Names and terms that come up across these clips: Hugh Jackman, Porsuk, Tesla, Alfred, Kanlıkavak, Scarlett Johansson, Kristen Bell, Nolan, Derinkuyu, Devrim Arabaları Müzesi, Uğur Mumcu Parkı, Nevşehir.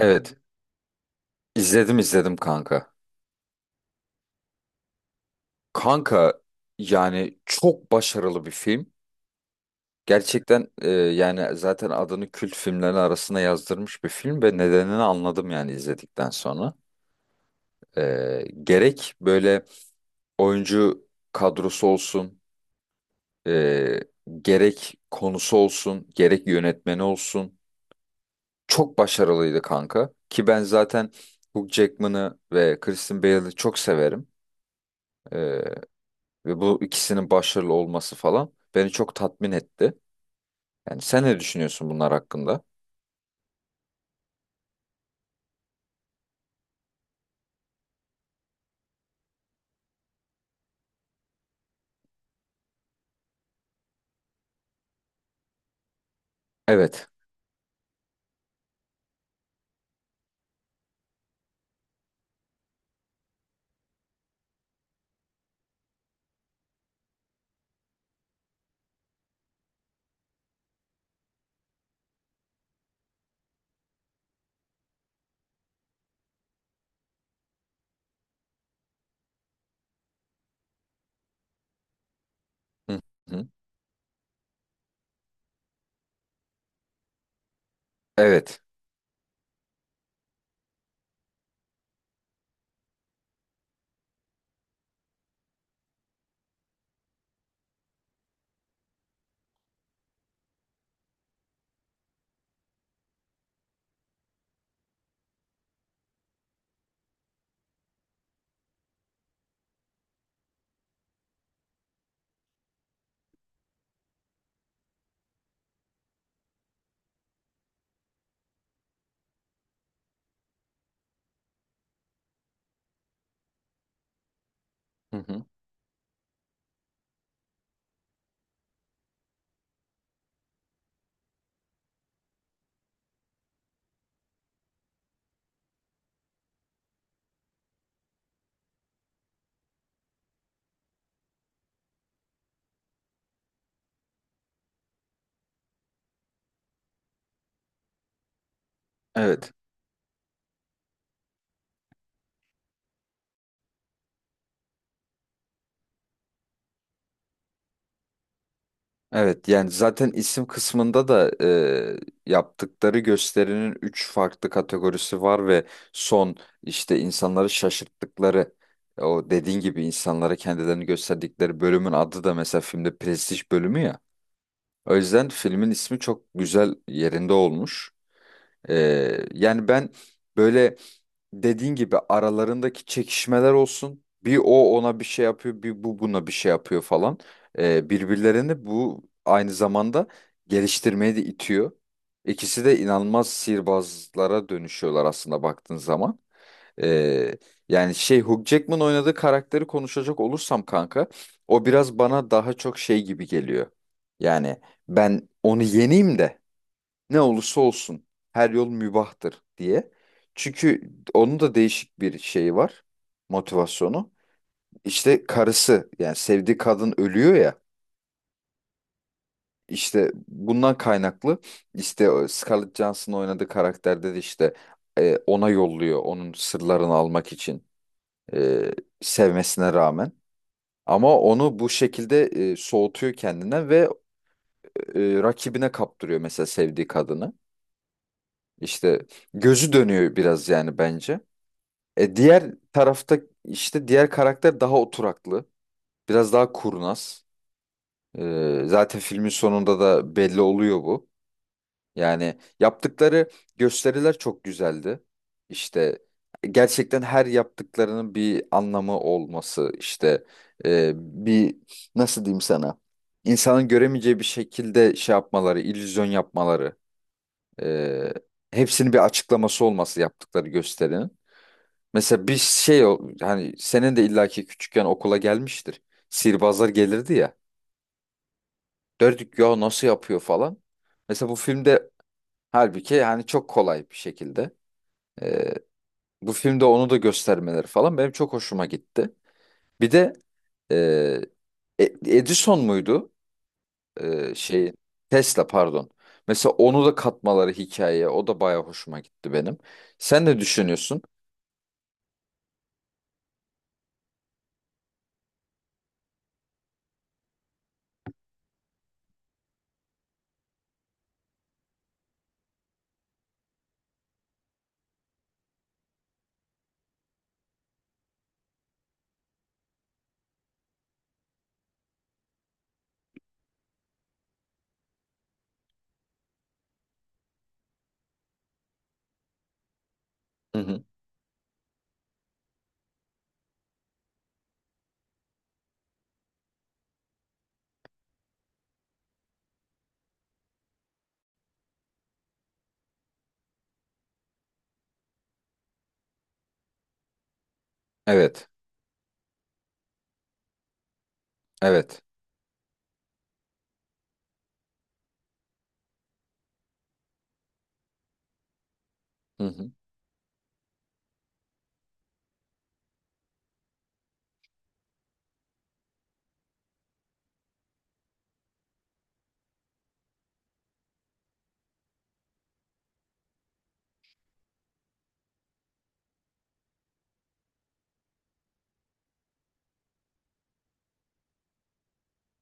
Evet, izledim kanka. Kanka, yani çok başarılı bir film. Gerçekten yani zaten adını kült filmlerin arasına yazdırmış bir film ve nedenini anladım yani izledikten sonra. Gerek böyle oyuncu kadrosu olsun, e, gerek konusu olsun, gerek yönetmeni olsun. Çok başarılıydı kanka. Ki ben zaten Hugh Jackman'ı ve Kristen Bale'ı çok severim. E, Ve bu ikisinin başarılı olması falan beni çok tatmin etti. Yani sen ne düşünüyorsun bunlar hakkında? Evet. Hı hı. Evet. Hı hı. Evet. Evet, yani zaten isim kısmında da yaptıkları gösterinin üç farklı kategorisi var ve son işte insanları şaşırttıkları, o dediğin gibi insanlara kendilerini gösterdikleri bölümün adı da mesela filmde Prestij bölümü ya. O yüzden filmin ismi çok güzel yerinde olmuş. E, Yani ben böyle dediğin gibi aralarındaki çekişmeler olsun. Bir o ona bir şey yapıyor, bir bu buna bir şey yapıyor falan. Birbirlerini bu aynı zamanda geliştirmeye de itiyor. İkisi de inanılmaz sihirbazlara dönüşüyorlar aslında baktığın zaman. Ee, Yani şey Hugh Jackman oynadığı karakteri konuşacak olursam kanka, o biraz bana daha çok şey gibi geliyor. Yani ben onu yeneyim de ne olursa olsun her yol mübahtır diye. Çünkü onun da değişik bir şeyi var, motivasyonu. İşte karısı yani sevdiği kadın ölüyor ya, işte bundan kaynaklı işte o Scarlett Johansson oynadığı karakterde de işte ona yolluyor onun sırlarını almak için, e, sevmesine rağmen. Ama onu bu şekilde soğutuyor kendine ve rakibine kaptırıyor mesela sevdiği kadını. İşte gözü dönüyor biraz yani bence. Diğer tarafta işte diğer karakter daha oturaklı. Biraz daha kurnaz. Zaten filmin sonunda da belli oluyor bu. Yani yaptıkları gösteriler çok güzeldi. İşte gerçekten her yaptıklarının bir anlamı olması işte, bir nasıl diyeyim sana, insanın göremeyeceği bir şekilde şey yapmaları, illüzyon yapmaları, e, hepsinin bir açıklaması olması yaptıkları gösterinin. Mesela hani senin de illaki küçükken okula gelmiştir. Sihirbazlar gelirdi ya. Derdik ya nasıl yapıyor falan. Mesela bu filmde halbuki yani çok kolay bir şekilde. e, Bu filmde onu da göstermeleri falan benim çok hoşuma gitti. Bir de e, Edison muydu? E, şey Tesla pardon. Mesela onu da katmaları hikayeye o da baya hoşuma gitti benim. Sen ne düşünüyorsun? Hı hı. Evet. Evet. Hı hı.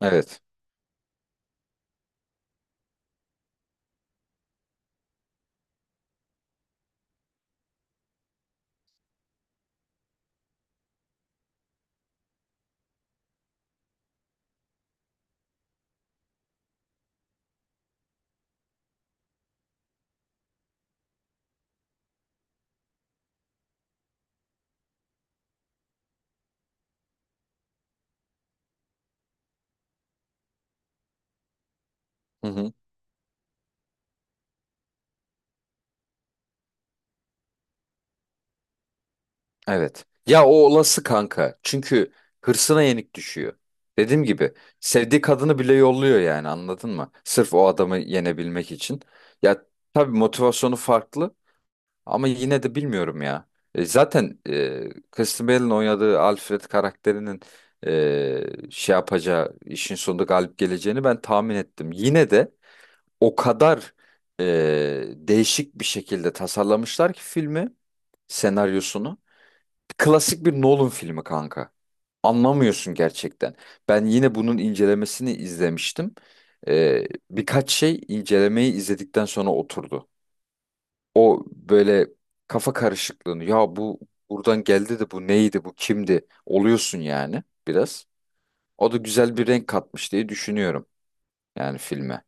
Evet. Hı hı. Evet. Ya o olası kanka. Çünkü hırsına yenik düşüyor. Dediğim gibi sevdiği kadını bile yolluyor yani, anladın mı? Sırf o adamı yenebilmek için. Ya tabii motivasyonu farklı, ama yine de bilmiyorum ya. Kristen Bell'in oynadığı Alfred karakterinin şey yapacağı işin sonunda galip geleceğini ben tahmin ettim. Yine de o kadar e, değişik bir şekilde tasarlamışlar ki filmi, senaryosunu. Klasik bir Nolan filmi kanka. Anlamıyorsun gerçekten. Ben yine bunun incelemesini izlemiştim. Birkaç şey incelemeyi izledikten sonra oturdu. O böyle kafa karışıklığını, ya bu buradan geldi de bu neydi bu kimdi oluyorsun yani biraz. O da güzel bir renk katmış diye düşünüyorum yani filme.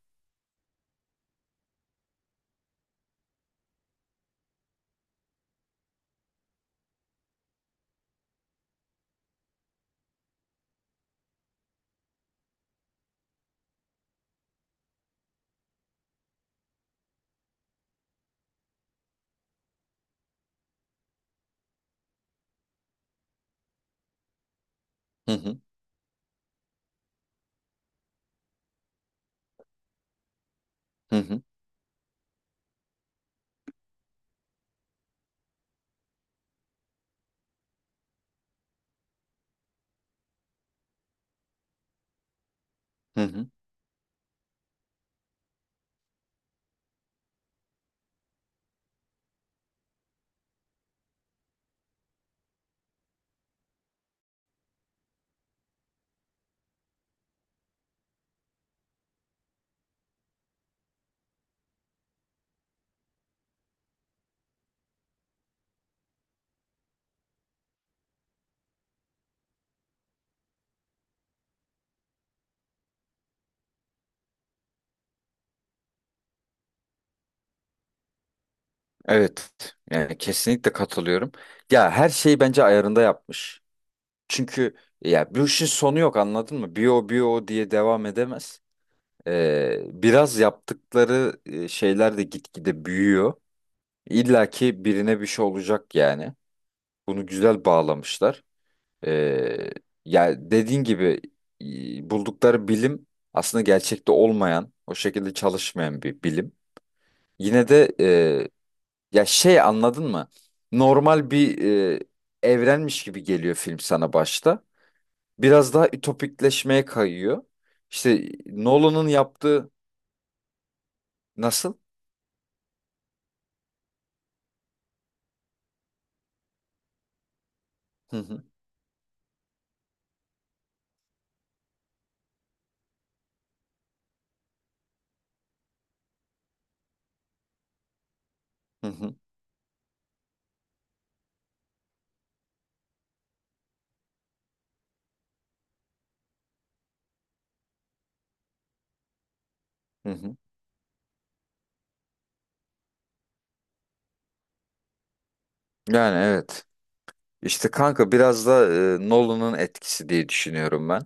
Hı hı hı hı. Hı hı. Evet, yani kesinlikle katılıyorum. Ya her şeyi bence ayarında yapmış. Çünkü ya bu işin sonu yok, anladın mı? Bir o diye devam edemez. Biraz yaptıkları şeyler de gitgide büyüyor. İlla ki birine bir şey olacak yani. Bunu güzel bağlamışlar. Ee, Ya dediğin gibi, buldukları bilim aslında gerçekte olmayan, o şekilde çalışmayan bir bilim. Yine de, ya şey, anladın mı? Normal bir e, evrenmiş gibi geliyor film sana başta. Biraz daha ütopikleşmeye kayıyor. İşte Nolan'ın yaptığı nasıl? Hı hı, hı hı, hı hı. Yani evet. İşte kanka biraz da Nolan'ın etkisi diye düşünüyorum ben.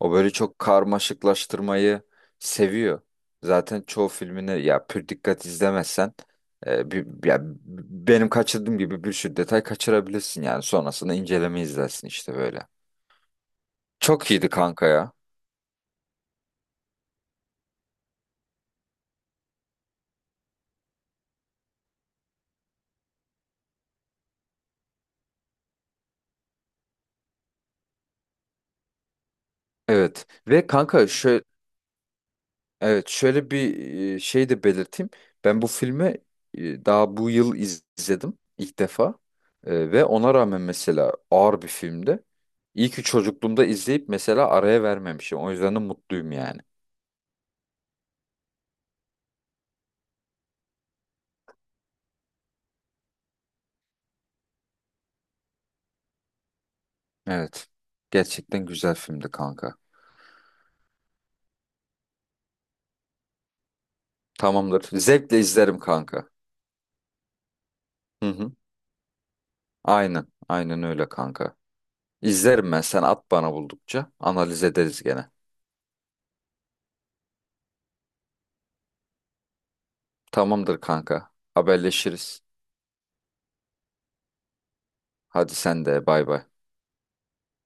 O böyle çok karmaşıklaştırmayı seviyor. Zaten çoğu filmini ya pür dikkat izlemezsen, e, bir, ya, benim kaçırdığım gibi bir sürü detay kaçırabilirsin yani sonrasında inceleme izlersin işte böyle. Çok iyiydi kanka ya. Evet ve kanka şu Evet, şöyle bir şey de belirteyim. Ben bu filmi daha bu yıl izledim ilk defa. Ve ona rağmen mesela ağır bir filmdi. İyi ki çocukluğumda izleyip mesela araya vermemişim. O yüzden de mutluyum yani. Evet. Gerçekten güzel filmdi kanka. Tamamdır. Zevkle izlerim kanka. Hı hı. Aynen. Aynen öyle kanka. İzlerim ben. Sen at bana buldukça. Analiz ederiz gene. Tamamdır kanka. Haberleşiriz. Hadi sen de bay bay.